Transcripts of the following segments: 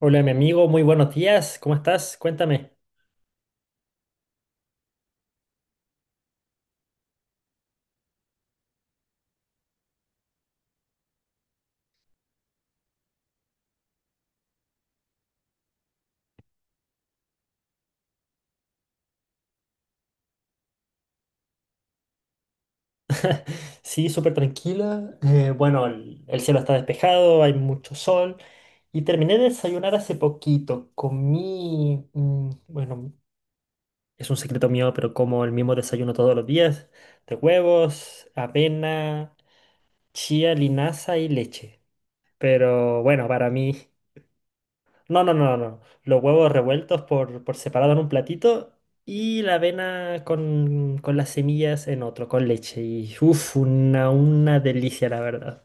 Hola, mi amigo, muy buenos días, ¿cómo estás? Cuéntame. Sí, súper tranquila. Bueno, el cielo está despejado, hay mucho sol. Y terminé de desayunar hace poquito. Comí, mm, bueno, es un secreto mío, pero como el mismo desayuno todos los días, de huevos, avena, chía, linaza y leche. Pero bueno, para mí. No, no, no, no. Los huevos revueltos por separado en un platito y la avena con las semillas en otro, con leche. Y uff, una delicia, la verdad.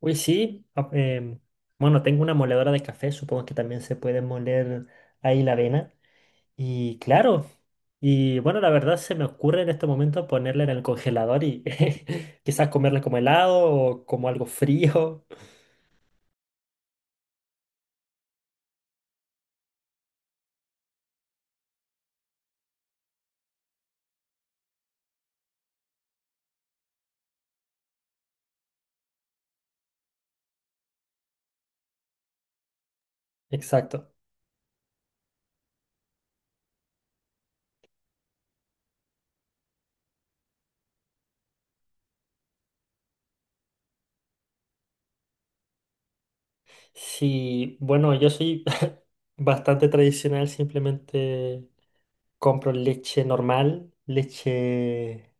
Uy, sí. Bueno, tengo una moledora de café, supongo que también se puede moler ahí la avena. Y claro. Y bueno, la verdad se me ocurre en este momento ponerla en el congelador y quizás comerla como helado o como algo frío. Exacto. Sí, bueno, yo soy bastante tradicional, simplemente compro leche normal,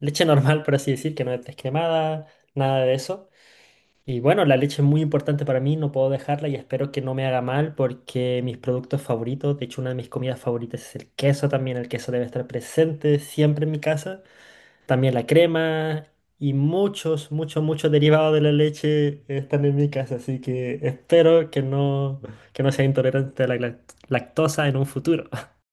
leche normal, por así decir, que no es descremada, nada de eso. Y bueno, la leche es muy importante para mí, no puedo dejarla y espero que no me haga mal porque mis productos favoritos, de hecho una de mis comidas favoritas es el queso también, el queso debe estar presente siempre en mi casa. También la crema y muchos, muchos, muchos derivados de la leche están en mi casa, así que espero que no sea intolerante a la glac- lactosa en un futuro.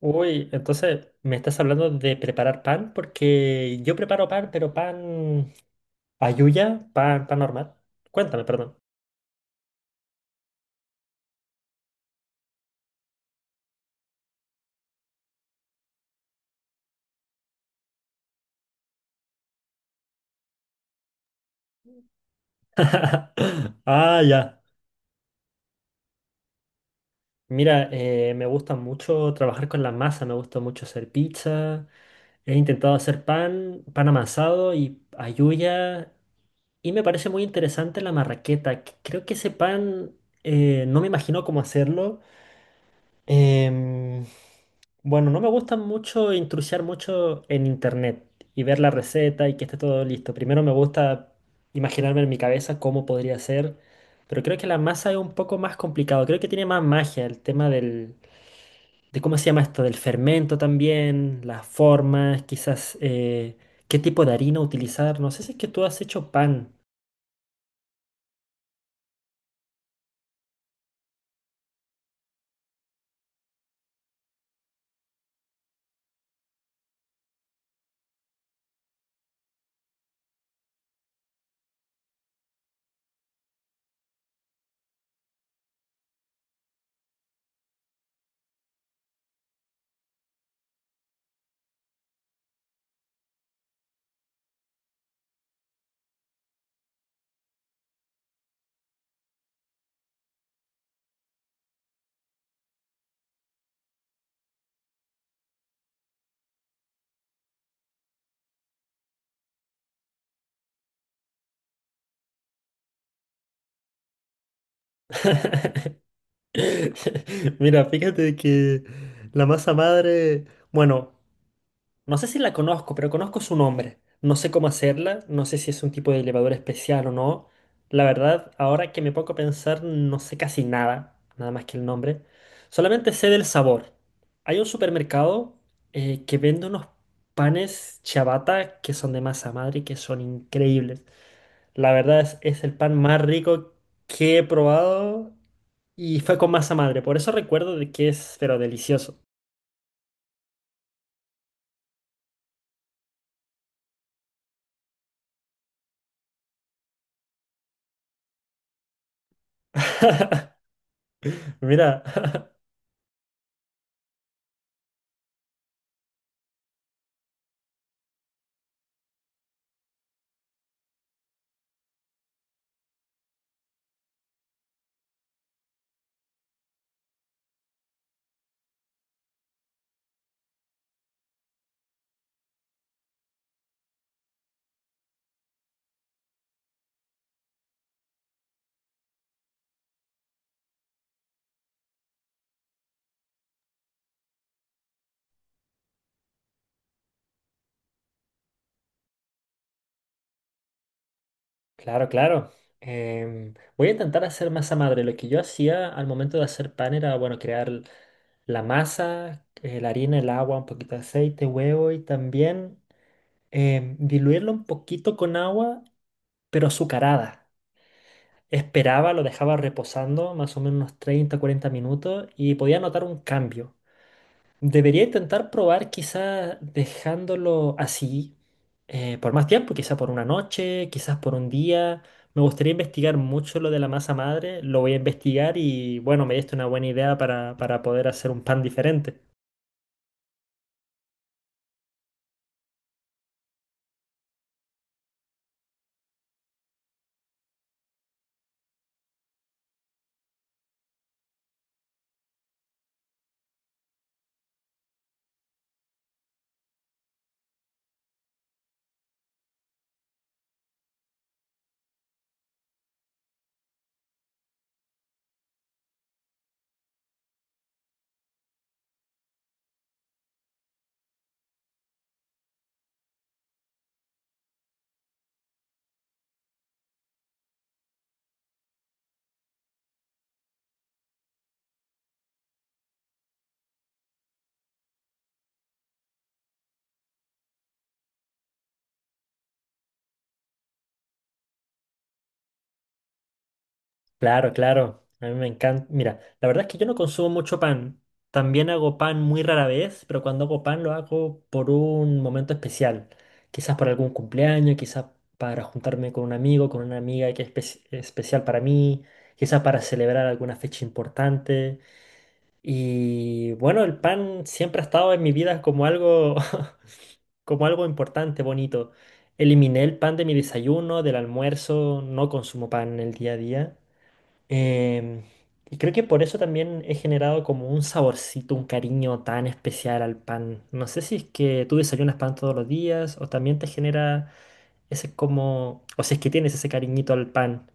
Uy, entonces me estás hablando de preparar pan, porque yo preparo pan, pero pan ayuya, pan, pan normal. Cuéntame, perdón. Ah, ya. Mira, me gusta mucho trabajar con la masa, me gusta mucho hacer pizza. He intentado hacer pan, pan amasado y ayuya. Y me parece muy interesante la marraqueta. Que Creo que ese pan, no me imagino cómo hacerlo. Em, bueno, no me gusta mucho intrusiar mucho en internet y ver la receta y que esté todo listo. Primero me gusta imaginarme en mi cabeza cómo podría ser, pero creo que la masa es un poco más complicado. Creo que tiene más magia el tema del, de cómo se llama esto, del fermento también, las formas, quizás qué tipo de harina utilizar. No sé si es que tú has hecho pan. Mira, fíjate que la masa madre, bueno, no sé si la conozco, pero conozco su nombre. No sé cómo hacerla, no sé si es un tipo de elevador especial o no. La verdad, ahora que me pongo a pensar, no sé casi nada, nada más que el nombre. Solamente sé del sabor. Hay un supermercado que vende unos panes ciabatta que son de masa madre y que son increíbles. La verdad es el pan más rico que he probado y fue con masa madre, por eso recuerdo de que es, pero delicioso. Mira, claro, claro. Voy a intentar hacer masa madre. Lo que yo hacía al momento de hacer pan era, bueno, crear la masa, la harina, el agua, un poquito de aceite, huevo y también diluirlo un poquito con agua, pero azucarada. Esperaba, lo dejaba reposando más o menos unos 30, 40 minutos y podía notar un cambio. Debería intentar probar quizás dejándolo así por más tiempo, quizás por una noche, quizás por un día. Me gustaría investigar mucho lo de la masa madre, lo voy a investigar y bueno, me diste una buena idea para poder hacer un pan diferente. Claro, claro. A mí me encanta. Mira, la verdad es que yo no consumo mucho pan. También hago pan muy rara vez, pero cuando hago pan lo hago por un momento especial. Quizás por algún cumpleaños, quizás para juntarme con un amigo, con una amiga que es espe- especial para mí, quizás para celebrar alguna fecha importante. Y bueno, el pan siempre ha estado en mi vida como algo, como algo importante, bonito. Eliminé el pan de mi desayuno, del almuerzo, no consumo pan en el día a día. Em, y creo que por eso también he generado como un saborcito, un cariño tan especial al pan. No sé si es que tú desayunas pan todos los días o también te genera ese como, o si es que tienes ese cariñito al pan.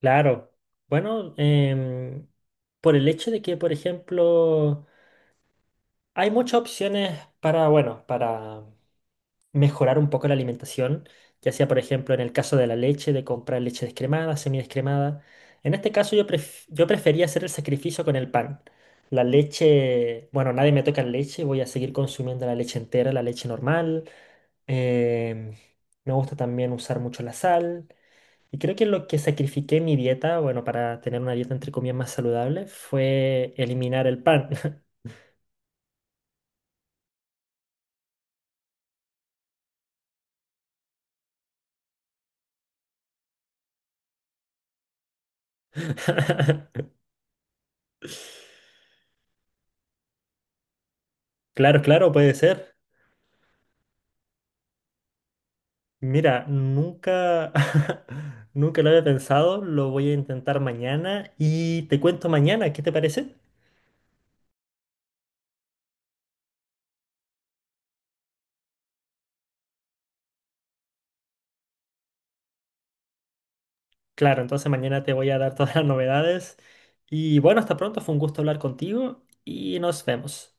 Claro. Bueno, por el hecho de que, por ejemplo, hay muchas opciones para, bueno, para mejorar un poco la alimentación, ya sea, por ejemplo, en el caso de la leche, de comprar leche descremada, semidescremada. En este caso yo, pref- yo prefería hacer el sacrificio con el pan. La leche, bueno, nadie me toca la leche, voy a seguir consumiendo la leche entera, la leche normal. Em, Me gusta también usar mucho la sal. Y creo que lo que sacrifiqué en mi dieta, bueno, para tener una dieta entre comillas más saludable, fue eliminar el pan. Claro, claro, puede ser. Mira, nunca, nunca lo había pensado, lo voy a intentar mañana y te cuento mañana, ¿qué te parece? Claro, entonces mañana te voy a dar todas las novedades y bueno, hasta pronto, fue un gusto hablar contigo y nos vemos.